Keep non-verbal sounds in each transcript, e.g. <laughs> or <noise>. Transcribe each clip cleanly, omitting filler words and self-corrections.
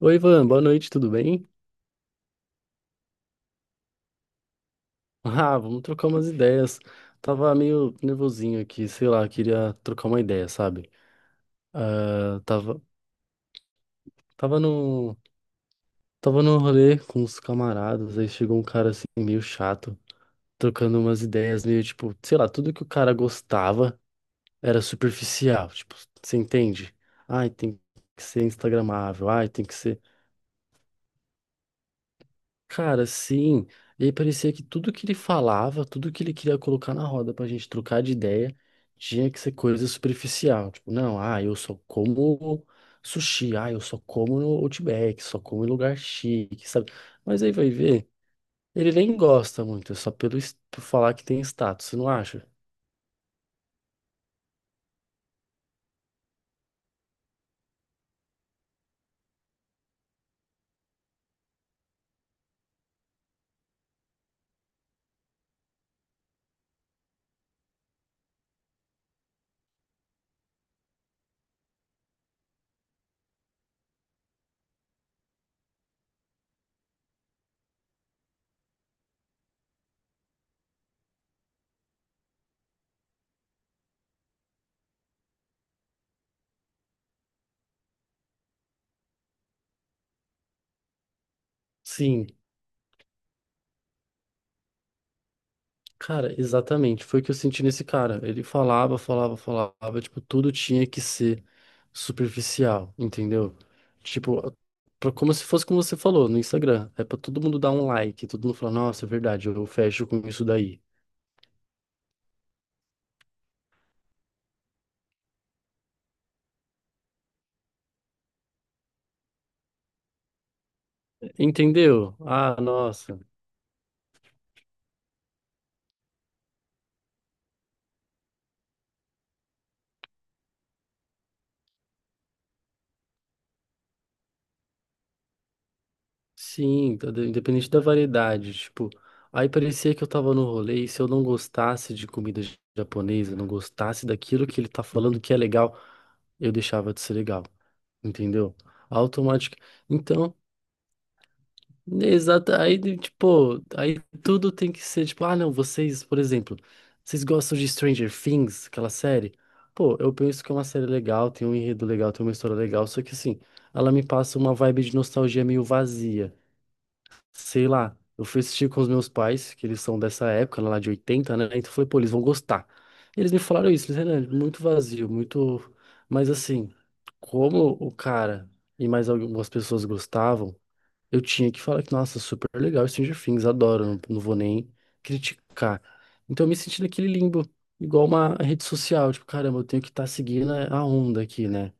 Oi, Ivan, boa noite, tudo bem? Ah, vamos trocar umas ideias. Tava meio nervosinho aqui, sei lá, queria trocar uma ideia, sabe? Ah, tava, tava no, tava no rolê com os camaradas, aí chegou um cara assim meio chato, trocando umas ideias meio tipo, sei lá, tudo que o cara gostava era superficial, tipo, você entende? Ai, tem que ser instagramável, ai, tem que ser. Cara, sim. E aí parecia que tudo que ele falava, tudo que ele queria colocar na roda pra gente trocar de ideia, tinha que ser coisa superficial. Tipo, não, ah, eu só como sushi, ah, eu só como no Outback, só como em lugar chique, sabe? Mas aí vai ver, ele nem gosta muito, é só pelo por falar que tem status, você não acha? Sim. Cara, exatamente. Foi o que eu senti nesse cara. Ele falava, falava, falava. Tipo, tudo tinha que ser superficial, entendeu? Tipo, pra, como se fosse como você falou no Instagram. É pra todo mundo dar um like. Todo mundo falar, nossa, é verdade, eu fecho com isso daí. Entendeu? Ah, nossa. Sim, independente da variedade, tipo, aí parecia que eu tava no rolê e se eu não gostasse de comida japonesa, não gostasse daquilo que ele tá falando que é legal, eu deixava de ser legal, entendeu? Automático. Então, exato, aí tipo, aí tudo tem que ser tipo, ah, não, vocês, por exemplo, vocês gostam de Stranger Things, aquela série? Pô, eu penso que é uma série legal, tem um enredo legal, tem uma história legal, só que assim, ela me passa uma vibe de nostalgia meio vazia, sei lá, eu fui assistir com os meus pais, que eles são dessa época, lá de 80, né? Então eu falei, pô, eles vão gostar. Eles me falaram isso, eles Renan, muito vazio, muito. Mas assim, como o cara e mais algumas pessoas gostavam, eu tinha que falar que, nossa, super legal Stranger Things, adoro, não, não vou nem criticar. Então eu me senti naquele limbo, igual uma rede social, tipo, caramba, eu tenho que estar seguindo a onda aqui, né?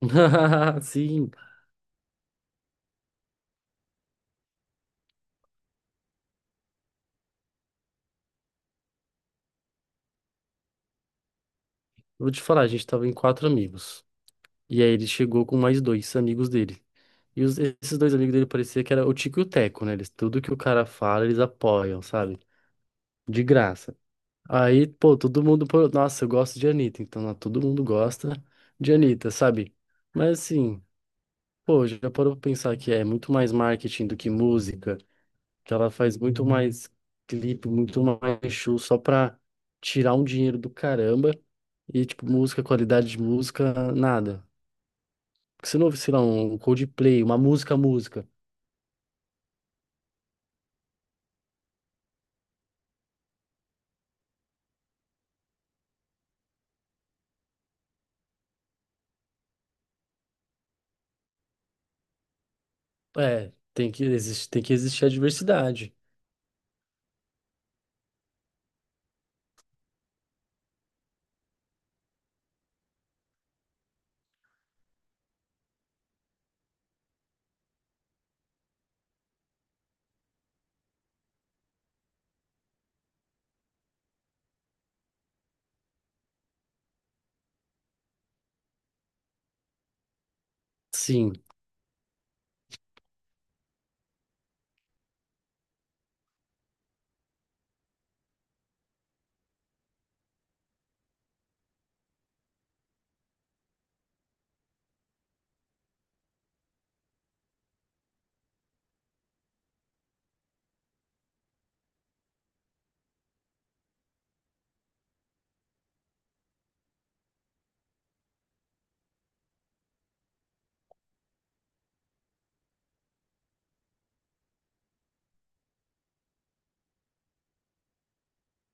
<laughs> Sim, eu vou te falar, a gente tava em 4 amigos. E aí ele chegou com mais 2 amigos dele. E esses 2 amigos dele parecia que era o Tico e o Teco, né? Eles, tudo que o cara fala, eles apoiam, sabe? De graça. Aí, pô, todo mundo, pô, nossa, eu gosto de Anitta, então ó, todo mundo gosta de Anitta, sabe? Mas assim, pô, já parou pra pensar que é muito mais marketing do que música, que ela faz muito mais clipe, muito mais show só pra tirar um dinheiro do caramba e, tipo, música, qualidade de música, nada. Porque você não ouve, sei lá, um Coldplay, uma música, música. É, existe, tem que existir a diversidade. Sim.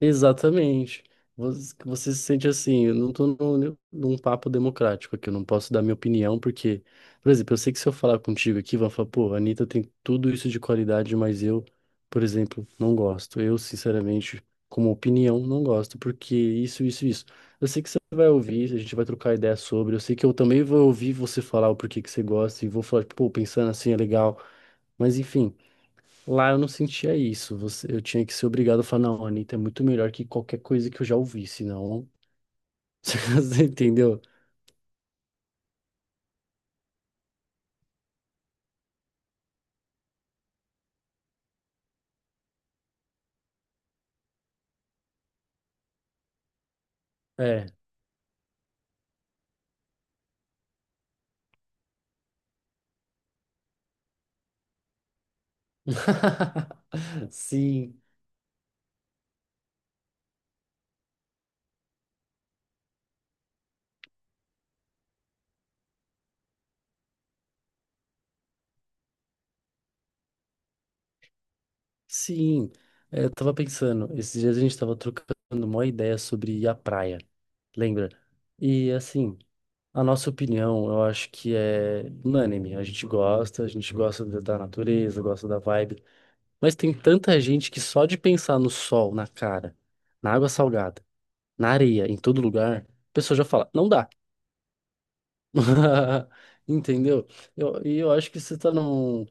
Exatamente. Você se sente assim, eu não tô num papo democrático aqui, eu não posso dar minha opinião, porque, por exemplo, eu sei que se eu falar contigo aqui, vão falar, pô, a Anitta tem tudo isso de qualidade, mas eu, por exemplo, não gosto. Eu, sinceramente, como opinião, não gosto, porque isso, isso, isso. Eu sei que você vai ouvir, a gente vai trocar ideia sobre, eu sei que eu também vou ouvir você falar o porquê que você gosta, e vou falar, tipo, pô, pensando assim é legal, mas enfim. Lá eu não sentia isso. Você, eu tinha que ser obrigado a falar, não, Anitta é muito melhor que qualquer coisa que eu já ouvi, senão. <laughs> Você entendeu? É. <laughs> Sim, sim. É, eu tava pensando, esses dias a gente tava trocando uma ideia sobre ir à praia, lembra? E assim, a nossa opinião, eu acho que é unânime. A gente gosta da natureza, gosta da vibe. Mas tem tanta gente que só de pensar no sol, na cara, na água salgada, na areia, em todo lugar, a pessoa já fala, não dá. <laughs> Entendeu? E eu acho que você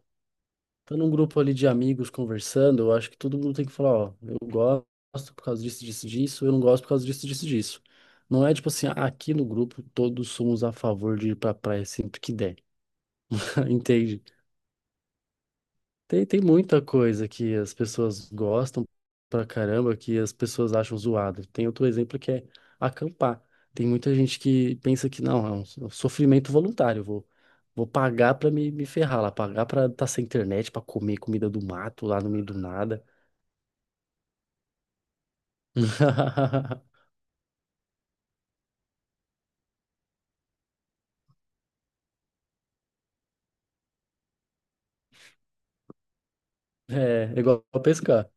tá num grupo ali de amigos conversando, eu acho que todo mundo tem que falar, ó, eu gosto por causa disso, disso, disso, eu não gosto por causa disso, disso, disso. Não é tipo assim, "Ah, aqui no grupo todos somos a favor de ir pra praia sempre que der, <laughs> entende? Tem, tem muita coisa que as pessoas gostam pra caramba, que as pessoas acham zoado. Tem outro exemplo que é acampar. Tem muita gente que pensa que não, é um sofrimento voluntário. Vou, vou pagar pra me ferrar lá, pagar pra estar sem internet, pra comer comida do mato lá no meio do nada. <laughs> É, é igual pescar.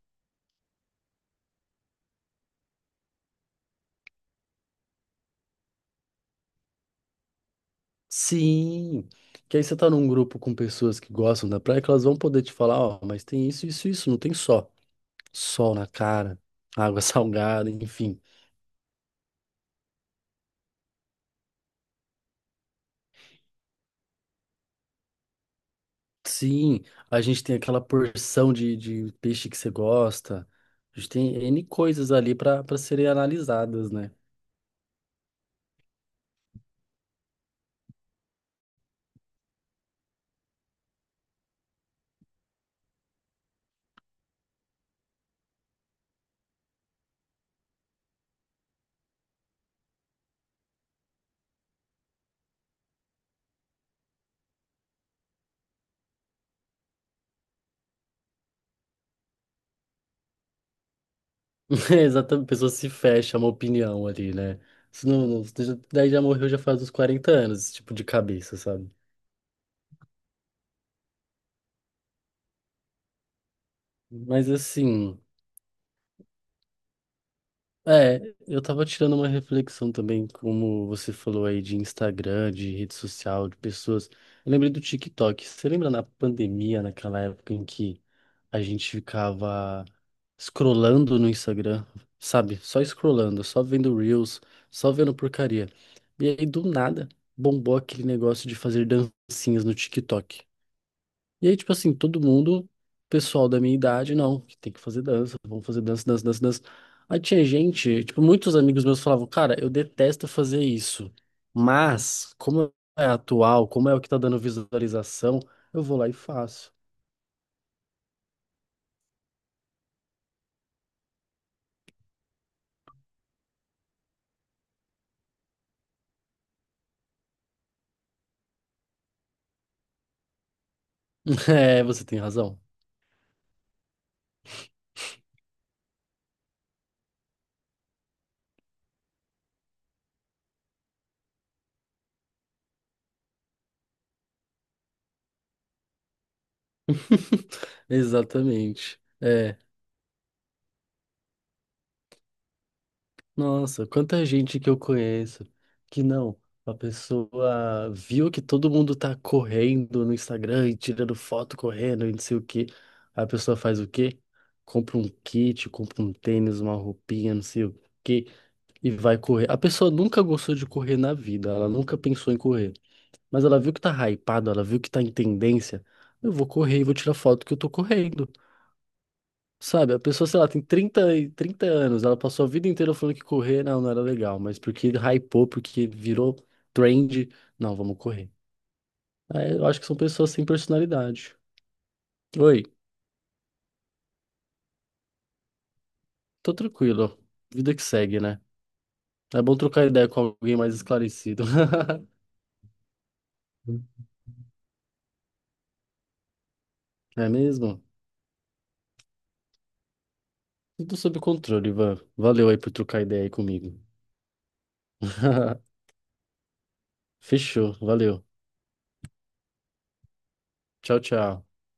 Sim, que aí você tá num grupo com pessoas que gostam da praia, que elas vão poder te falar, ó, mas tem isso, isso, isso, não tem só. Sol na cara, água <laughs> salgada, enfim. Sim, a gente tem aquela porção de peixe que você gosta. A gente tem N coisas ali para serem analisadas, né? <laughs> É, exatamente, a pessoa se fecha a uma opinião ali, né? Isso daí já morreu já faz uns 40 anos, esse tipo de cabeça, sabe? Mas assim. É, eu tava tirando uma reflexão também, como você falou aí de Instagram, de rede social, de pessoas. Eu lembrei do TikTok. Você lembra na pandemia, naquela época em que a gente ficava scrollando no Instagram, sabe? Só scrollando, só vendo Reels, só vendo porcaria. E aí, do nada, bombou aquele negócio de fazer dancinhas no TikTok. E aí, tipo assim, todo mundo, pessoal da minha idade, não, que tem que fazer dança, vamos fazer dança, dança, dança, dança. Aí tinha gente, tipo, muitos amigos meus falavam, cara, eu detesto fazer isso, mas como é atual, como é o que tá dando visualização, eu vou lá e faço. <laughs> É, você tem razão. <laughs> Exatamente. É. Nossa, quanta gente que eu conheço que não, a pessoa viu que todo mundo tá correndo no Instagram e tirando foto correndo e não sei o quê. A pessoa faz o quê? Compra um kit, compra um tênis, uma roupinha, não sei o quê, e vai correr. A pessoa nunca gostou de correr na vida, ela nunca pensou em correr. Mas ela viu que tá hypado, ela viu que tá em tendência. Eu vou correr e vou tirar foto que eu tô correndo. Sabe, a pessoa, sei lá, tem 30 anos, ela passou a vida inteira falando que correr não era legal, mas porque hypou, porque virou trend, não, vamos correr. Aí eu acho que são pessoas sem personalidade. Oi, tô tranquilo, vida que segue, né? É bom trocar ideia com alguém mais esclarecido. <laughs> É mesmo? Tudo sob controle, Ivan. Valeu aí por trocar ideia aí comigo. <laughs> Fechou, valeu. Tchau, tchau.